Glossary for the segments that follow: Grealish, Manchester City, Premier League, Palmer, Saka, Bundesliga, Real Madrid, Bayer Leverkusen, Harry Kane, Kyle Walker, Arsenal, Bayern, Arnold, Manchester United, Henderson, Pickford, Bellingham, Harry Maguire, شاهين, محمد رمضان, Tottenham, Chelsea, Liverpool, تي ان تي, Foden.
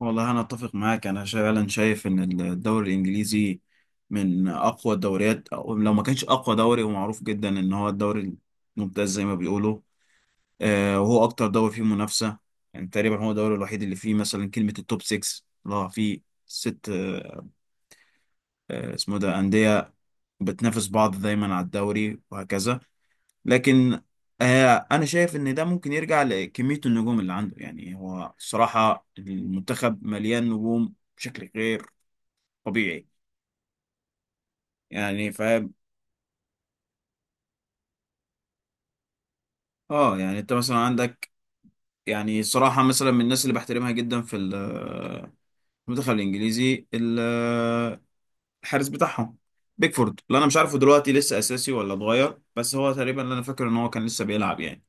والله أنا أتفق معاك. أنا فعلا شايف إن الدوري الإنجليزي من أقوى الدوريات، أو لو ما كانش أقوى دوري، هو معروف جدا إن هو الدوري الممتاز زي ما بيقولوا. وهو أكتر دوري فيه منافسة. يعني تقريبا هو الدوري الوحيد اللي فيه مثلا كلمة التوب 6، اللي هو فيه ست اسمه ده أندية بتنافس بعض دايما على الدوري وهكذا. لكن انا شايف ان ده ممكن يرجع لكمية النجوم اللي عنده. يعني هو الصراحة المنتخب مليان نجوم بشكل غير طبيعي، يعني فاهم. اه يعني انت مثلا عندك، يعني صراحة مثلا من الناس اللي بحترمها جدا في المنتخب الانجليزي، الحارس بتاعهم بيكفورد، اللي انا مش عارفه دلوقتي لسه اساسي ولا اتغير، بس هو تقريبا اللي انا فاكر ان هو كان لسه بيلعب يعني.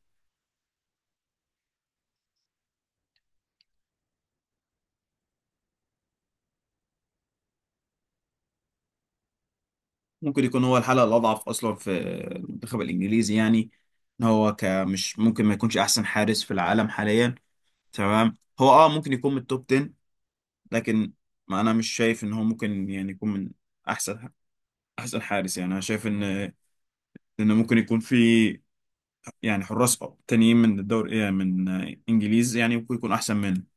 ممكن يكون هو الحلقة الاضعف اصلا في المنتخب الانجليزي، يعني ان هو كمش ممكن ما يكونش احسن حارس في العالم حاليا. تمام هو ممكن يكون من التوب 10، لكن ما انا مش شايف ان هو ممكن يعني يكون من احسن احسن حارس. يعني انا شايف ان ممكن يكون في يعني حراس تانيين من الدوري من انجليز يعني ممكن يكون احسن منه.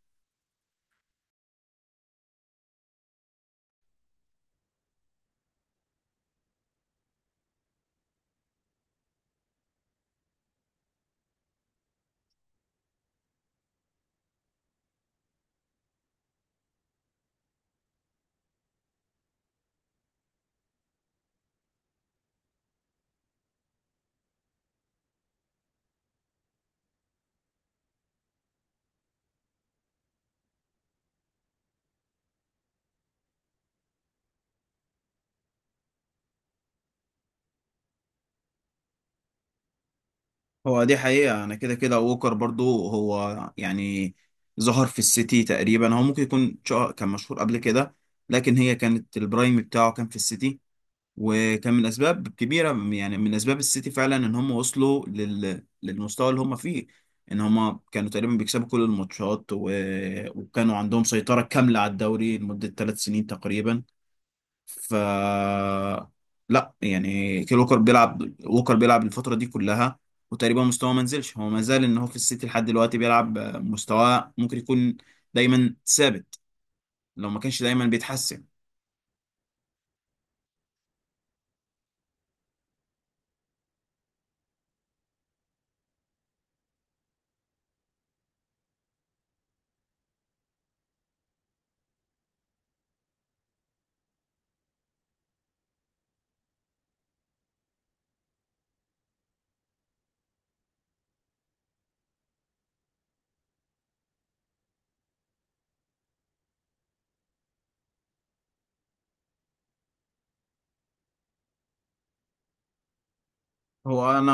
هو دي حقيقة. انا كده كده ووكر برضو هو يعني ظهر في السيتي تقريبا، هو ممكن يكون كان مشهور قبل كده. لكن هي كانت البرايم بتاعه كان في السيتي، وكان من اسباب كبيره، يعني من اسباب السيتي فعلا ان هم وصلوا للمستوى اللي هم فيه، ان هم كانوا تقريبا بيكسبوا كل الماتشات وكانوا عندهم سيطره كامله على الدوري لمده ثلاث سنين تقريبا. ف لا يعني كيل ووكر بيلعب الفتره دي كلها، وتقريبا مستواه ما نزلش. هو ما زال ان هو في السيتي لحد دلوقتي بيلعب، مستواه ممكن يكون دايما ثابت لو ما كانش دايما بيتحسن. هو انا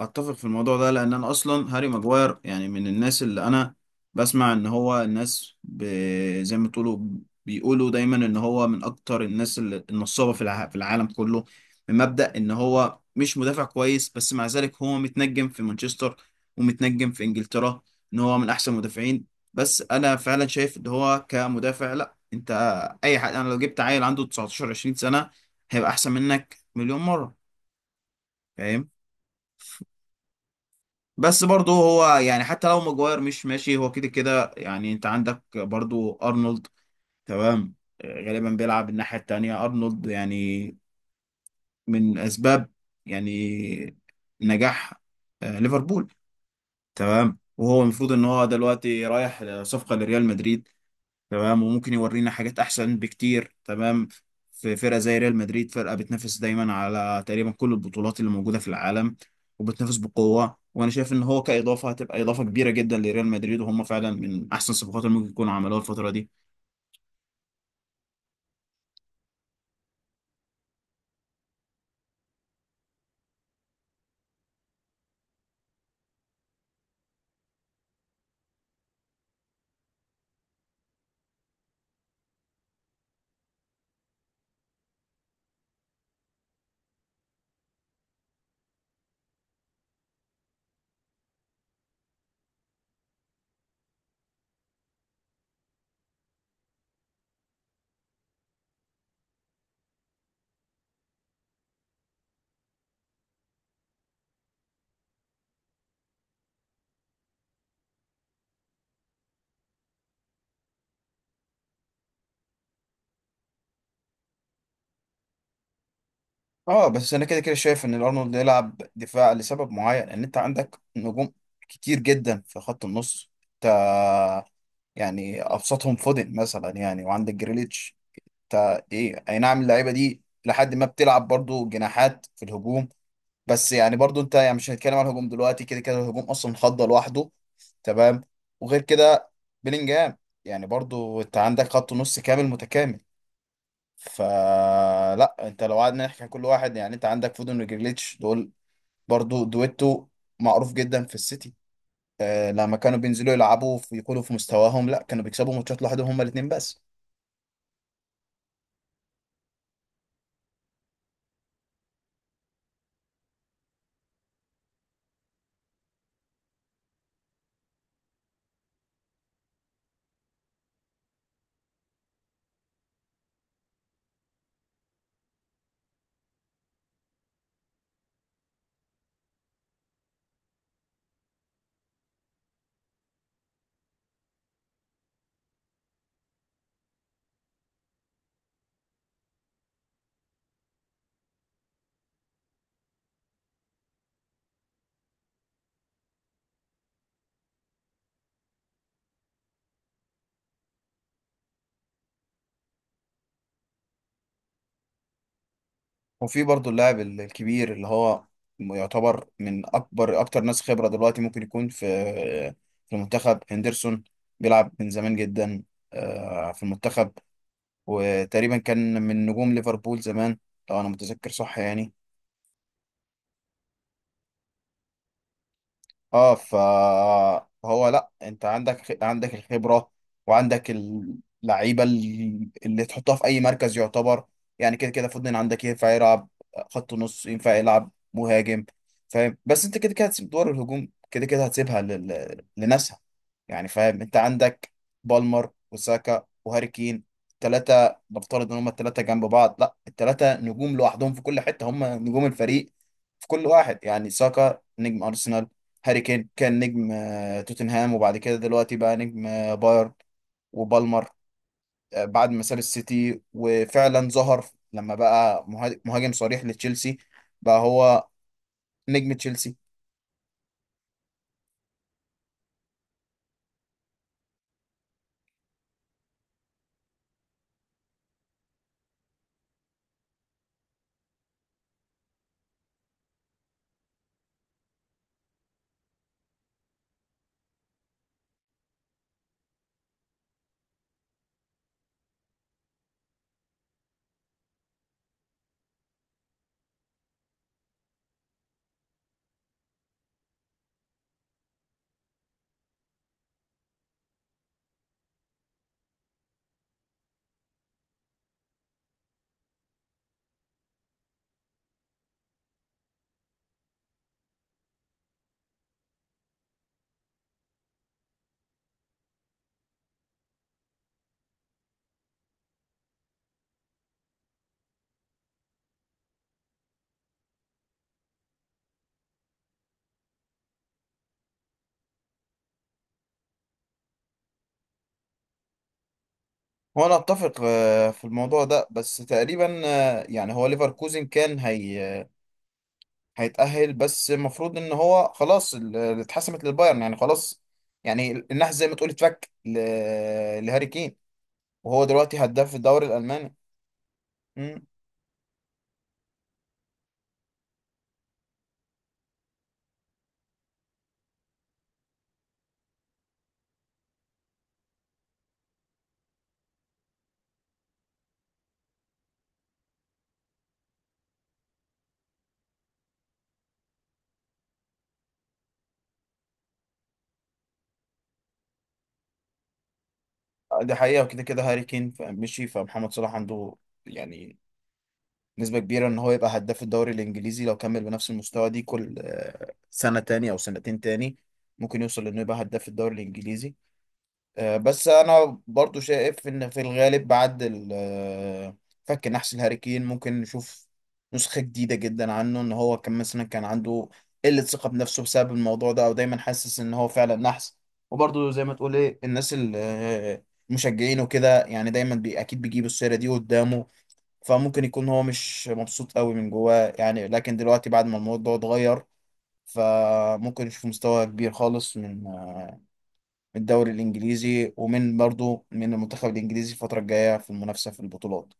اتفق في الموضوع ده، لان انا اصلا هاري ماجواير يعني من الناس اللي انا بسمع ان هو الناس زي ما تقولوا بيقولوا دايما ان هو من اكتر الناس النصابه في في العالم كله، من مبدأ ان هو مش مدافع كويس. بس مع ذلك هو متنجم في مانشستر ومتنجم في انجلترا ان هو من احسن المدافعين. بس انا فعلا شايف ان هو كمدافع لا. انت اي حد، انا لو جبت عيل عنده 19 20 سنه هيبقى احسن منك مليون مره، فاهم. بس برضه هو يعني حتى لو ماجواير مش ماشي، هو كده كده يعني انت عندك برضه ارنولد. تمام، غالبا بيلعب الناحية التانية ارنولد، يعني من اسباب يعني نجاح ليفربول. تمام وهو المفروض ان هو دلوقتي رايح صفقة لريال مدريد. تمام، وممكن يورينا حاجات احسن بكتير. تمام، في فرقه زي ريال مدريد فرقه بتنافس دايما على تقريبا كل البطولات اللي موجوده في العالم، وبتنافس بقوه، وانا شايف ان هو كاضافه هتبقى اضافه كبيره جدا لريال مدريد، وهم فعلا من احسن الصفقات اللي ممكن يكونوا عملوها الفتره دي. اه بس انا كده كده شايف ان الارنولد يلعب دفاع لسبب معين، ان انت عندك نجوم كتير جدا في خط النص. انت يعني ابسطهم فودن مثلا يعني، وعندك جريليتش. انت اي نعم، اللعيبه دي لحد ما بتلعب برضو جناحات في الهجوم. بس يعني برضو انت يعني مش هنتكلم عن الهجوم دلوقتي، كده كده الهجوم اصلا خضه لوحده تمام. وغير كده بلينجهام، يعني برضو انت عندك خط نص كامل متكامل. فلا انت لو قعدنا نحكي عن كل واحد، يعني انت عندك فودن وجريليتش، دول برضو دويتو معروف جدا في السيتي. لما كانوا بينزلوا يلعبوا يكونوا في مستواهم، لا كانوا بيكسبوا ماتشات لوحدهم هما الاثنين بس. وفي برضه اللاعب الكبير اللي هو يعتبر من اكبر اكتر ناس خبرة دلوقتي، ممكن يكون في المنتخب، هندرسون. بيلعب من زمان جدا في المنتخب، وتقريبا كان من نجوم ليفربول زمان لو انا متذكر صح يعني. اه ف- فهو لا، انت عندك الخبره وعندك اللعيبه اللي تحطها في اي مركز يعتبر، يعني كده كده فودن عندك ينفع يلعب خط نص ينفع يلعب مهاجم فاهم. بس انت كده كده هتسيب دور الهجوم، كده كده هتسيبها لناسها يعني فاهم. انت عندك بالمر وساكا وهاري كين الثلاثه، نفترض ان هم الثلاثه جنب بعض لا، الثلاثه نجوم لوحدهم في كل حته، هم نجوم الفريق في كل واحد. يعني ساكا نجم ارسنال، هاري كين كان نجم توتنهام، وبعد كده دلوقتي بقى نجم بايرن. وبالمر بعد ما ساب السيتي وفعلا ظهر لما بقى مهاجم صريح لتشيلسي، بقى هو نجم تشيلسي. هو انا اتفق في الموضوع ده، بس تقريبا يعني هو ليفركوزن كان هيتأهل، بس المفروض ان هو خلاص اللي اتحسمت للبايرن يعني خلاص. يعني النحس زي ما تقول اتفك لهاري كين، وهو دلوقتي هداف في الدوري الألماني. دي حقيقة. وكده كده هاري كين مشي، فمحمد صلاح عنده يعني نسبة كبيرة ان هو يبقى هداف الدوري الانجليزي. لو كمل بنفس المستوى دي كل سنة تاني او سنتين تاني، ممكن يوصل انه يبقى هداف الدوري الانجليزي. بس انا برضو شايف ان في الغالب بعد فك نحس الهاريكين، ممكن نشوف نسخة جديدة جدا عنه. ان هو كان مثلا كان عنده قلة ثقة بنفسه بسبب الموضوع ده، او دايما حاسس ان هو فعلا نحس، وبرضو زي ما تقول الناس المشجعين وكده يعني دايما اكيد بيجيبوا السيرة دي قدامه. فممكن يكون هو مش مبسوط قوي من جواه يعني. لكن دلوقتي بعد ما الموضوع اتغير، فممكن نشوف مستوى كبير خالص من الدوري الانجليزي ومن برضو من المنتخب الانجليزي الفتره الجايه في المنافسه في البطولات.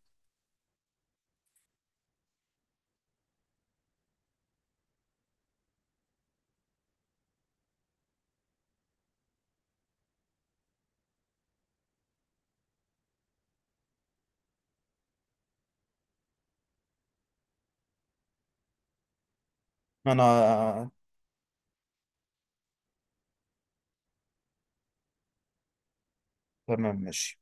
انا تمام ماشي.